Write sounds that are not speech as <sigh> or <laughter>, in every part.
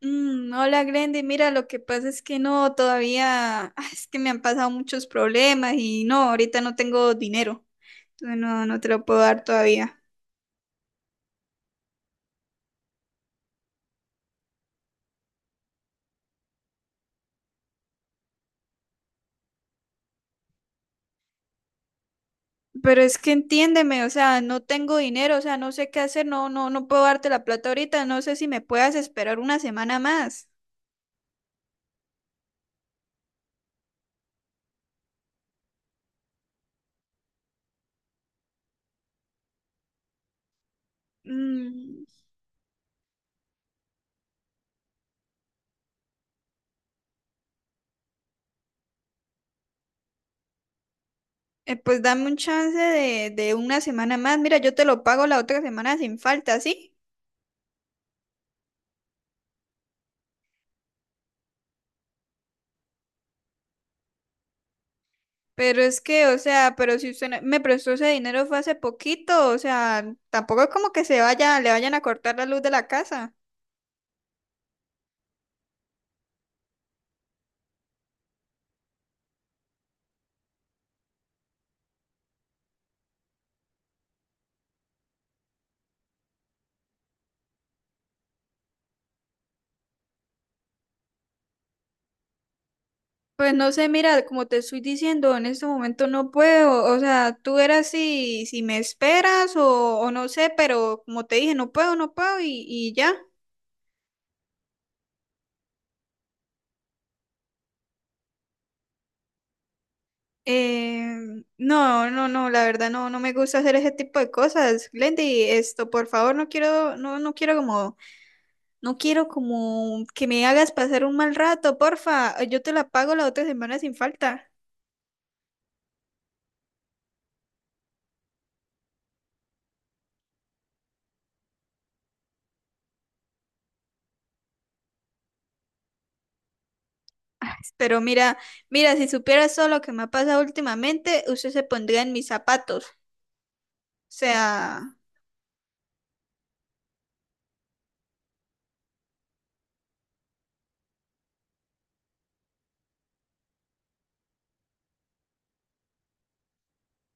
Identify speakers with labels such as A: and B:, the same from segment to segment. A: Hola, Grande. Mira, lo que pasa es que no, todavía, es que me han pasado muchos problemas y no, ahorita no tengo dinero. Entonces no, no te lo puedo dar todavía. Pero es que entiéndeme, o sea, no tengo dinero, o sea, no sé qué hacer, no, no, no puedo darte la plata ahorita, no sé si me puedas esperar una semana más. Mm, pues dame un chance de una semana más. Mira, yo te lo pago la otra semana sin falta, ¿sí? Pero es que, o sea, pero si usted me prestó ese dinero fue hace poquito, o sea, tampoco es como que se vaya, le vayan a cortar la luz de la casa. Pues no sé, mira, como te estoy diciendo, en este momento no puedo, o sea, tú eras si me esperas o no sé, pero como te dije, no puedo, no puedo y ya. Eh, no, no, no, la verdad no, no me gusta hacer ese tipo de cosas, Glendy, esto, por favor, no quiero, no, no quiero como. No quiero como que me hagas pasar un mal rato, porfa. Yo te la pago la otra semana sin falta. Ay, pero mira, mira, si supieras todo lo que me ha pasado últimamente, usted se pondría en mis zapatos. O sea,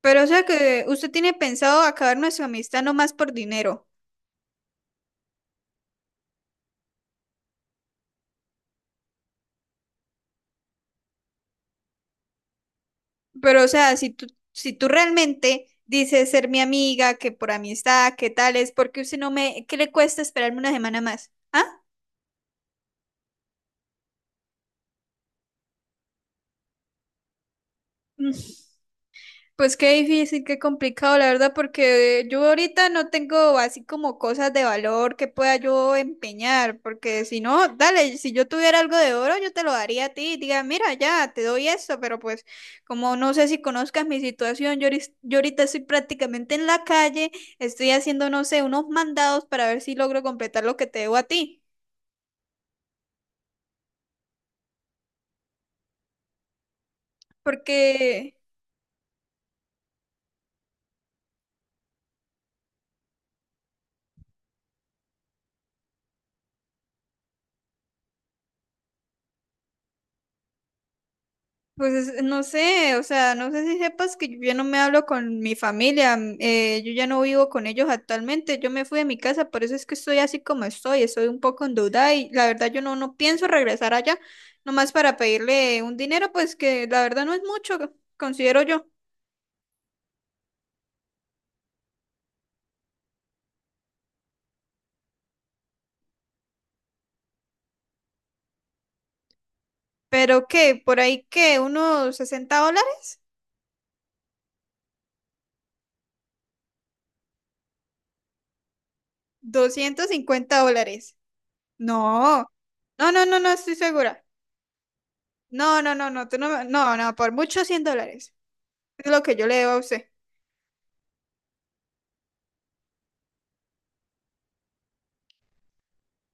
A: pero o sea que usted tiene pensado acabar nuestra amistad nomás por dinero. Pero o sea, si tú realmente dices ser mi amiga, que por amistad, que tal es, porque usted no me, ¿qué le cuesta esperarme una semana más? ¿Ah? Pues qué difícil, qué complicado, la verdad, porque yo ahorita no tengo así como cosas de valor que pueda yo empeñar, porque si no, dale, si yo tuviera algo de oro, yo te lo daría a ti, diga, mira, ya, te doy eso pero pues como no sé si conozcas mi situación, yo ahorita estoy prácticamente en la calle, estoy haciendo, no sé, unos mandados para ver si logro completar lo que te debo a ti, porque. Pues no sé, o sea, no sé si sepas que yo ya no me hablo con mi familia, yo ya no vivo con ellos actualmente, yo me fui de mi casa, por eso es que estoy así como estoy, estoy un poco en duda y la verdad yo no, no pienso regresar allá, nomás para pedirle un dinero, pues que la verdad no es mucho, considero yo, pero que por ahí que unos $60. $250, no, no, no, no, no estoy segura, no, no, no, no, tú no, no, no, por mucho $100, es lo que yo le debo a usted.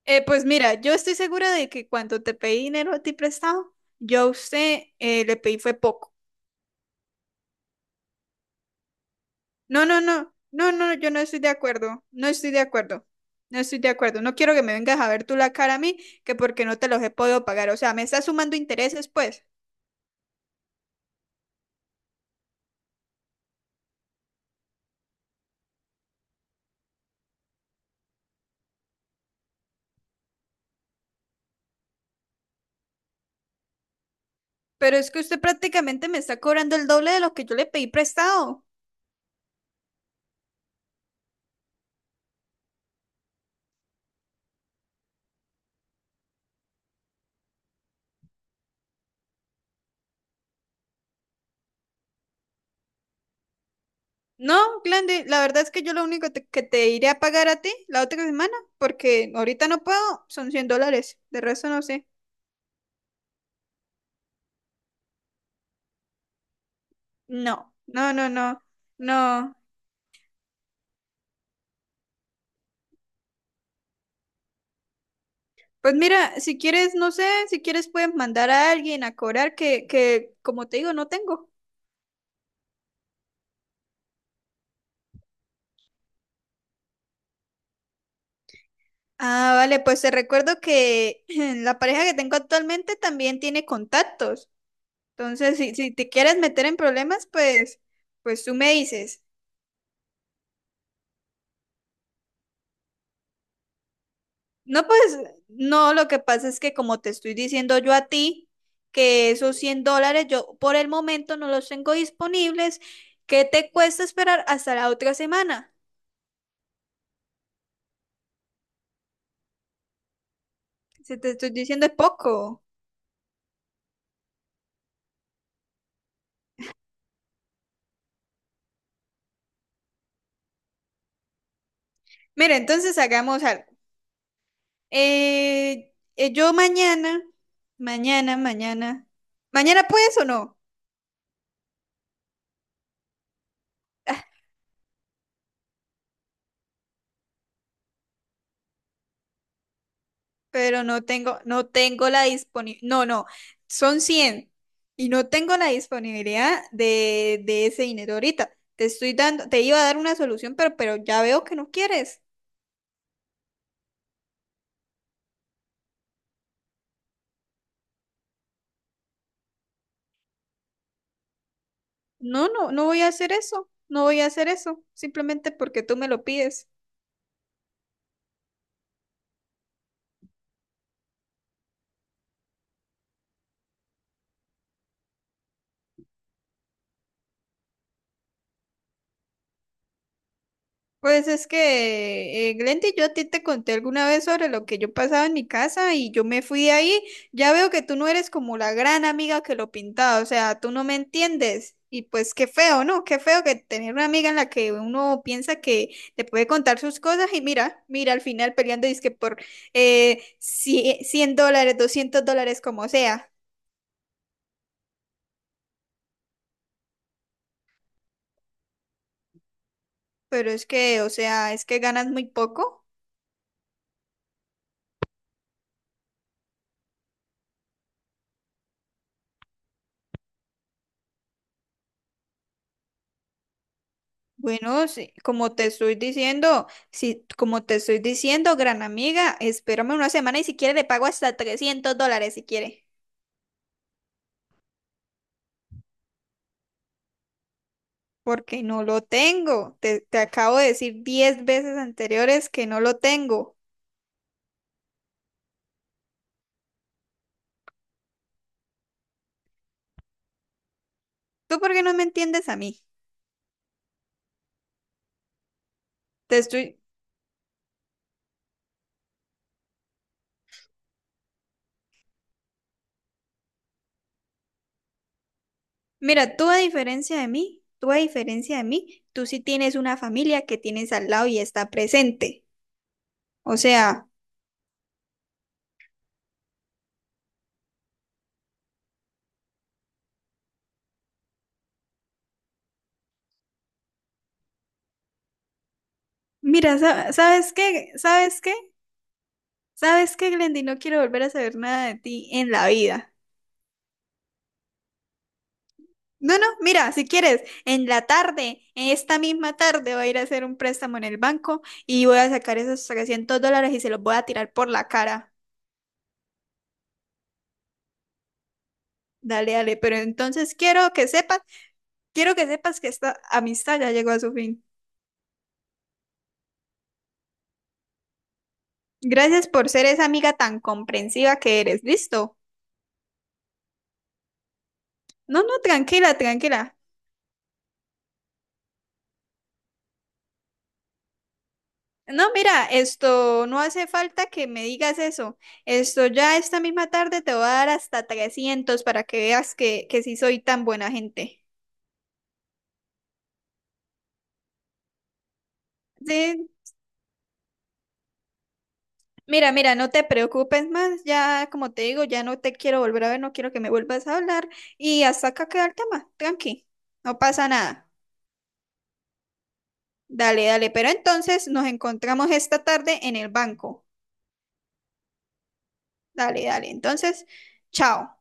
A: Pues mira, yo estoy segura de que cuando te pedí dinero a ti prestado, yo a usted le pedí fue poco. No, no, no, no, no, yo no estoy de acuerdo, no estoy de acuerdo, no estoy de acuerdo. No quiero que me vengas a ver tú la cara a mí, que porque no te los he podido pagar. O sea, me está sumando intereses, pues. Pero es que usted prácticamente me está cobrando el doble de lo que yo le pedí prestado. No, Glendy, la verdad es que yo lo único que te iré a pagar a ti la otra semana, porque ahorita no puedo, son $100, de resto no sé. No, no, no, no, no. Pues mira, si quieres, no sé, si quieres puedes mandar a alguien a cobrar que, como te digo, no tengo. Ah, vale, pues te recuerdo que <laughs> <clears throat> la pareja que tengo actualmente también tiene contactos. Entonces, si te quieres meter en problemas, pues, pues tú me dices. No, pues, no, lo que pasa es que como te estoy diciendo yo a ti, que esos $100 yo por el momento no los tengo disponibles, ¿qué te cuesta esperar hasta la otra semana? Si te estoy diciendo es poco. Mira, entonces hagamos algo. Yo mañana, mañana, mañana. ¿Mañana puedes o no? Ah, pero no tengo, no tengo la disponibilidad. No, no. Son 100. Y no tengo la disponibilidad de ese dinero ahorita. Te estoy dando, te iba a dar una solución, pero ya veo que no quieres. No, no, no voy a hacer eso. No voy a hacer eso. Simplemente porque tú me lo pides. Pues es que, Glendy, yo a ti te conté alguna vez sobre lo que yo pasaba en mi casa y yo me fui de ahí. Ya veo que tú no eres como la gran amiga que lo pintaba, o sea, tú no me entiendes. Y pues qué feo, ¿no? Qué feo que tener una amiga en la que uno piensa que te puede contar sus cosas y mira, mira, al final peleando dizque por $100, $200, como sea. Pero es que, o sea, es que ganas muy poco. Bueno, sí, como te estoy diciendo, si, como te estoy diciendo, gran amiga, espérame una semana y si quiere le pago hasta $300 si quiere, porque no lo tengo. Te acabo de decir 10 veces anteriores que no lo tengo. ¿Tú por qué no me entiendes a mí? Te estoy. Mira, tú a diferencia de mí, tú a diferencia de mí, tú sí tienes una familia que tienes al lado y está presente. O sea, mira, ¿sabes qué? ¿Sabes qué? ¿Sabes qué, Glendy? No quiero volver a saber nada de ti en la vida. No, no, mira, si quieres, en la tarde, en esta misma tarde, voy a ir a hacer un préstamo en el banco y voy a sacar esos 300 dólares y se los voy a tirar por la cara. Dale, dale, pero entonces quiero que sepas que esta amistad ya llegó a su fin. Gracias por ser esa amiga tan comprensiva que eres. ¿Listo? No, no, tranquila, tranquila. No, mira, esto no hace falta que me digas eso. Esto ya esta misma tarde te voy a dar hasta 300 para que veas que sí soy tan buena gente. Sí, mira, mira, no te preocupes más. Ya, como te digo, ya no te quiero volver a ver, no quiero que me vuelvas a hablar. Y hasta acá queda el tema. Tranqui, no pasa nada. Dale, dale. Pero entonces nos encontramos esta tarde en el banco. Dale, dale. Entonces, chao.